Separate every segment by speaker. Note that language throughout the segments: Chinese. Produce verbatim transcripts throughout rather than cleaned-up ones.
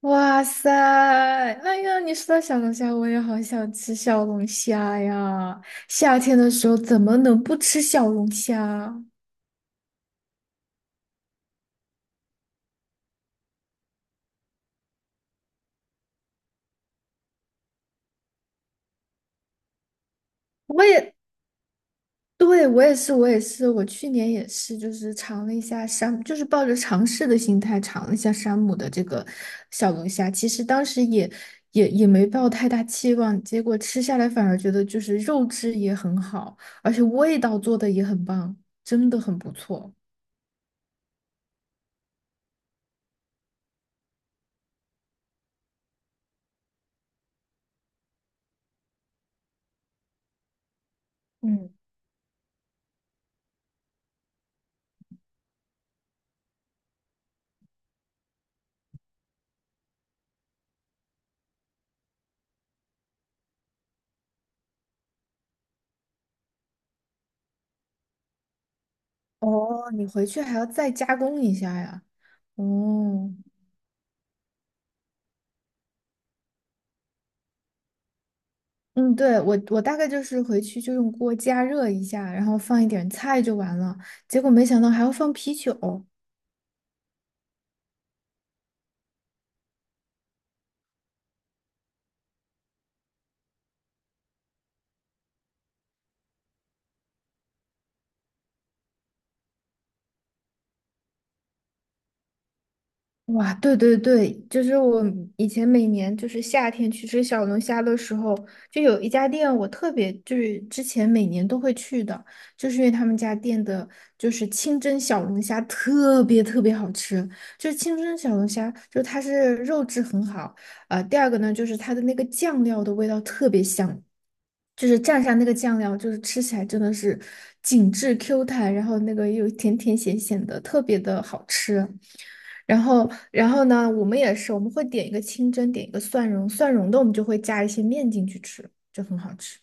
Speaker 1: 哇塞！哎呀，你说到小龙虾，我也好想吃小龙虾呀！夏天的时候怎么能不吃小龙虾？我也，对，我也是，我也是，我去年也是，就是尝了一下山，就是抱着尝试的心态尝了一下山姆的这个小龙虾。其实当时也也也没抱太大期望，结果吃下来反而觉得就是肉质也很好，而且味道做的也很棒，真的很不错。嗯。哦，你回去还要再加工一下呀？哦，嗯，对，我我大概就是回去就用锅加热一下，然后放一点菜就完了。结果没想到还要放啤酒。哇，对对对，就是我以前每年就是夏天去吃小龙虾的时候，就有一家店我特别就是之前每年都会去的，就是因为他们家店的就是清蒸小龙虾特别特别好吃，就是清蒸小龙虾，就它是肉质很好，呃，第二个呢就是它的那个酱料的味道特别香，就是蘸上那个酱料，就是吃起来真的是紧致 Q 弹，然后那个又甜甜咸咸的，特别的好吃。然后，然后呢，我们也是，我们会点一个清蒸，点一个蒜蓉，蒜蓉的我们就会加一些面进去吃，就很好吃。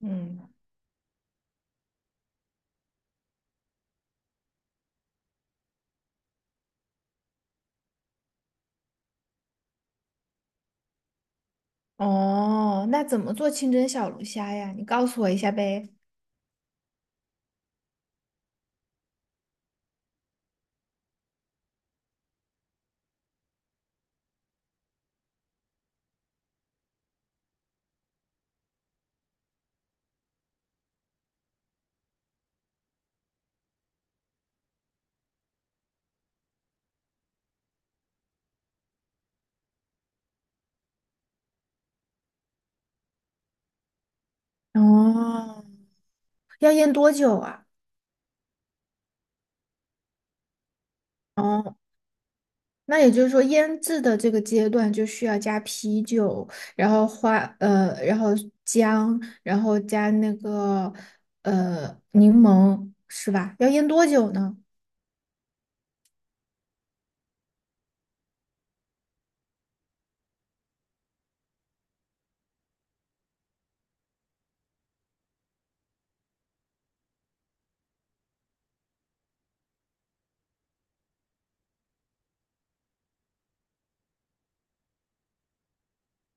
Speaker 1: 嗯。哦，那怎么做清蒸小龙虾呀？你告诉我一下呗。哦，要腌多久啊？哦。那也就是说，腌制的这个阶段就需要加啤酒，然后花呃，然后姜，然后加那个呃柠檬，是吧？要腌多久呢？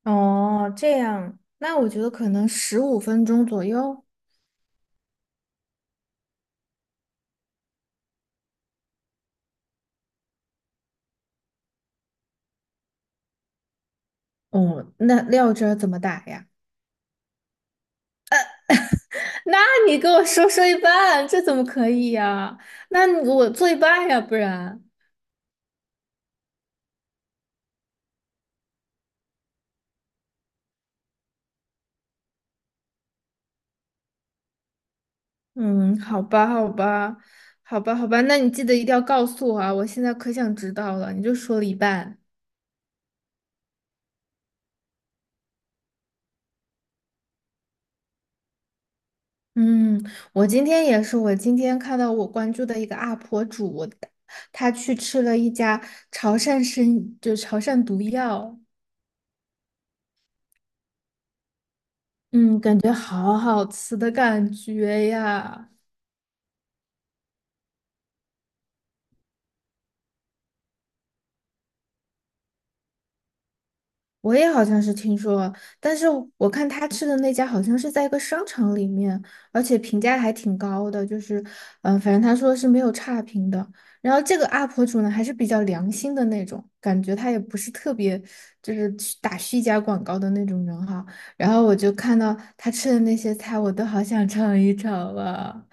Speaker 1: 哦，这样，那我觉得可能十五分钟左右。哦，那料汁儿怎么打呀？那你跟我说说一半，这怎么可以呀？那你给我做一半呀，不然。嗯，好吧，好吧，好吧，好吧，那你记得一定要告诉我啊！我现在可想知道了，你就说了一半。嗯，我今天也是，我今天看到我关注的一个 U P 主，他去吃了一家潮汕生，就潮汕毒药，嗯，感觉好好吃的感觉呀。我也好像是听说了，但是我看他吃的那家好像是在一个商场里面，而且评价还挺高的，就是，嗯、反正他说是没有差评的。然后这个 U P 主呢，还是比较良心的那种，感觉他也不是特别就是去打虚假广告的那种人哈。然后我就看到他吃的那些菜，我都好想尝一尝啊。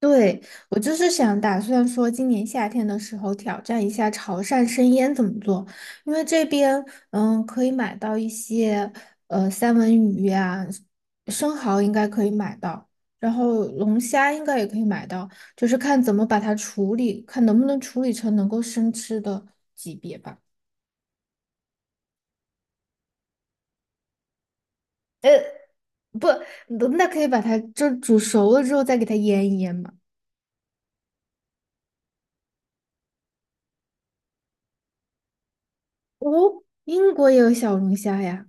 Speaker 1: 对，我就是想打算说，今年夏天的时候挑战一下潮汕生腌怎么做，因为这边嗯可以买到一些呃三文鱼呀、生蚝应该可以买到，然后龙虾应该也可以买到，就是看怎么把它处理，看能不能处理成能够生吃的级别吧。不，那可以把它就煮熟了之后再给它腌一腌嘛。哦，英国也有小龙虾呀。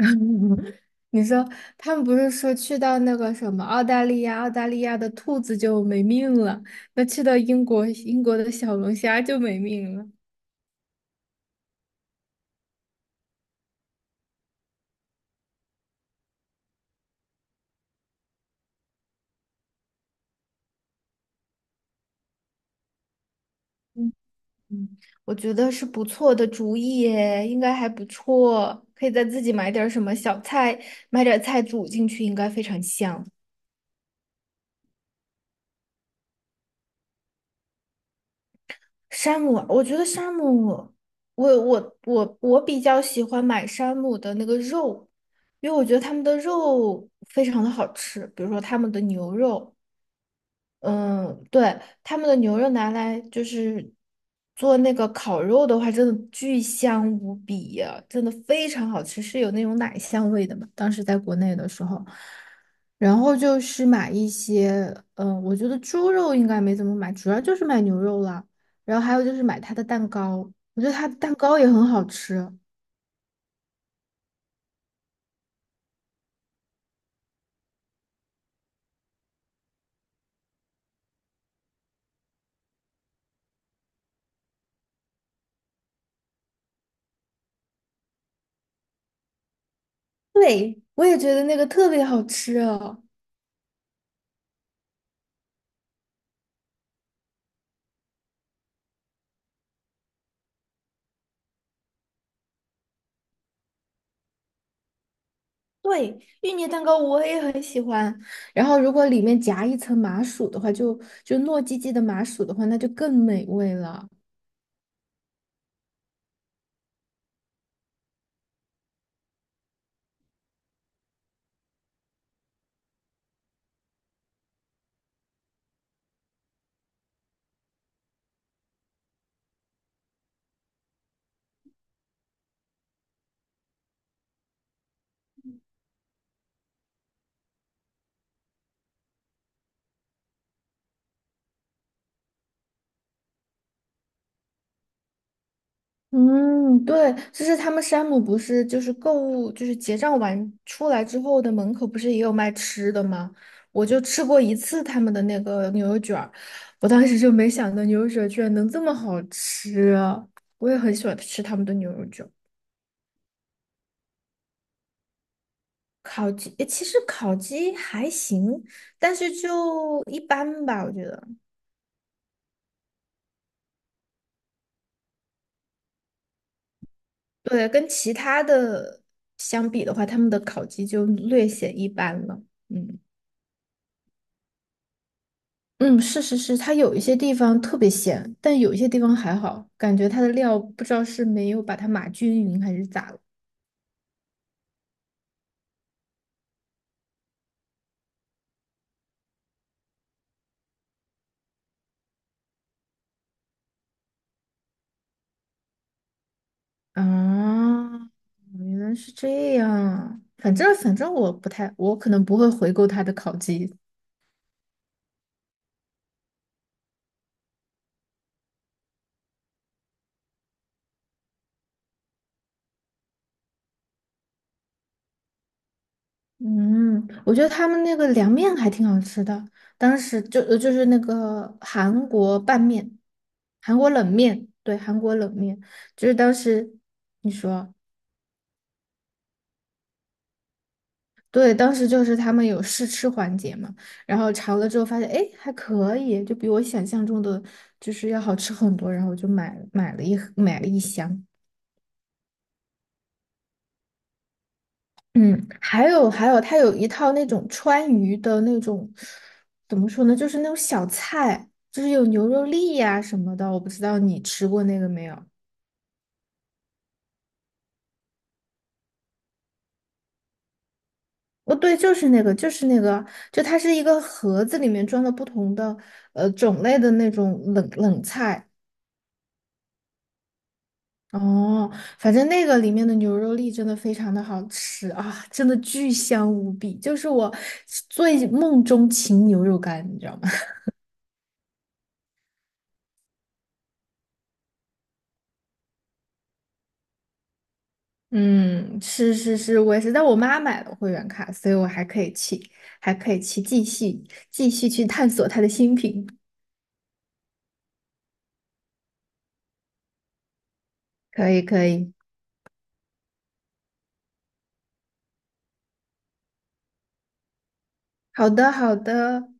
Speaker 1: 你说他们不是说去到那个什么澳大利亚，澳大利亚的兔子就没命了，那去到英国，英国的小龙虾就没命了。嗯嗯，我觉得是不错的主意耶，应该还不错，可以再自己买点儿什么小菜，买点儿菜煮进去，应该非常香。山姆，我觉得山姆，我我我我比较喜欢买山姆的那个肉，因为我觉得他们的肉非常的好吃，比如说他们的牛肉。嗯，对，他们的牛肉拿来就是做那个烤肉的话，真的巨香无比呀，真的非常好吃，是有那种奶香味的嘛。当时在国内的时候，然后就是买一些，嗯，我觉得猪肉应该没怎么买，主要就是买牛肉了。然后还有就是买它的蛋糕，我觉得它的蛋糕也很好吃。对，我也觉得那个特别好吃啊。对，芋泥蛋糕我也很喜欢。然后，如果里面夹一层麻薯的话，就就糯叽叽的麻薯的话，那就更美味了。嗯，对，就是他们山姆不是就是购物，就是结账完出来之后的门口不是也有卖吃的吗？我就吃过一次他们的那个牛肉卷儿，我当时就没想到牛肉卷儿居然能这么好吃啊。我也很喜欢吃他们的牛肉卷儿。烤鸡，诶其实烤鸡还行，但是就一般吧，我觉得。对，跟其他的相比的话，他们的烤鸡就略显一般了。嗯嗯，是是是，它有一些地方特别咸，但有一些地方还好，感觉它的料不知道是没有把它码均匀还是咋了。啊，原来是这样。反正反正我不太，我可能不会回购它的烤鸡，嗯，我觉得他们那个凉面还挺好吃的，当时就呃就是那个韩国拌面，韩国冷面，对，韩国冷面，就是当时你说，对，当时就是他们有试吃环节嘛，然后尝了之后发现，哎，还可以，就比我想象中的就是要好吃很多，然后我就买买了一盒买了一箱。嗯，还有还有，它有一套那种川渝的那种，怎么说呢，就是那种小菜，就是有牛肉粒呀、什么的，我不知道你吃过那个没有？哦，对，就是那个，就是那个，就它是一个盒子，里面装了不同的呃种类的那种冷冷菜。哦，反正那个里面的牛肉粒真的非常的好吃啊，真的巨香无比，就是我最梦中情牛肉干，你知道吗？嗯，是是是，我也是，在我妈买了会员卡，所以我还可以去，还可以去继续继续去探索它的新品。可以可以，好的好的，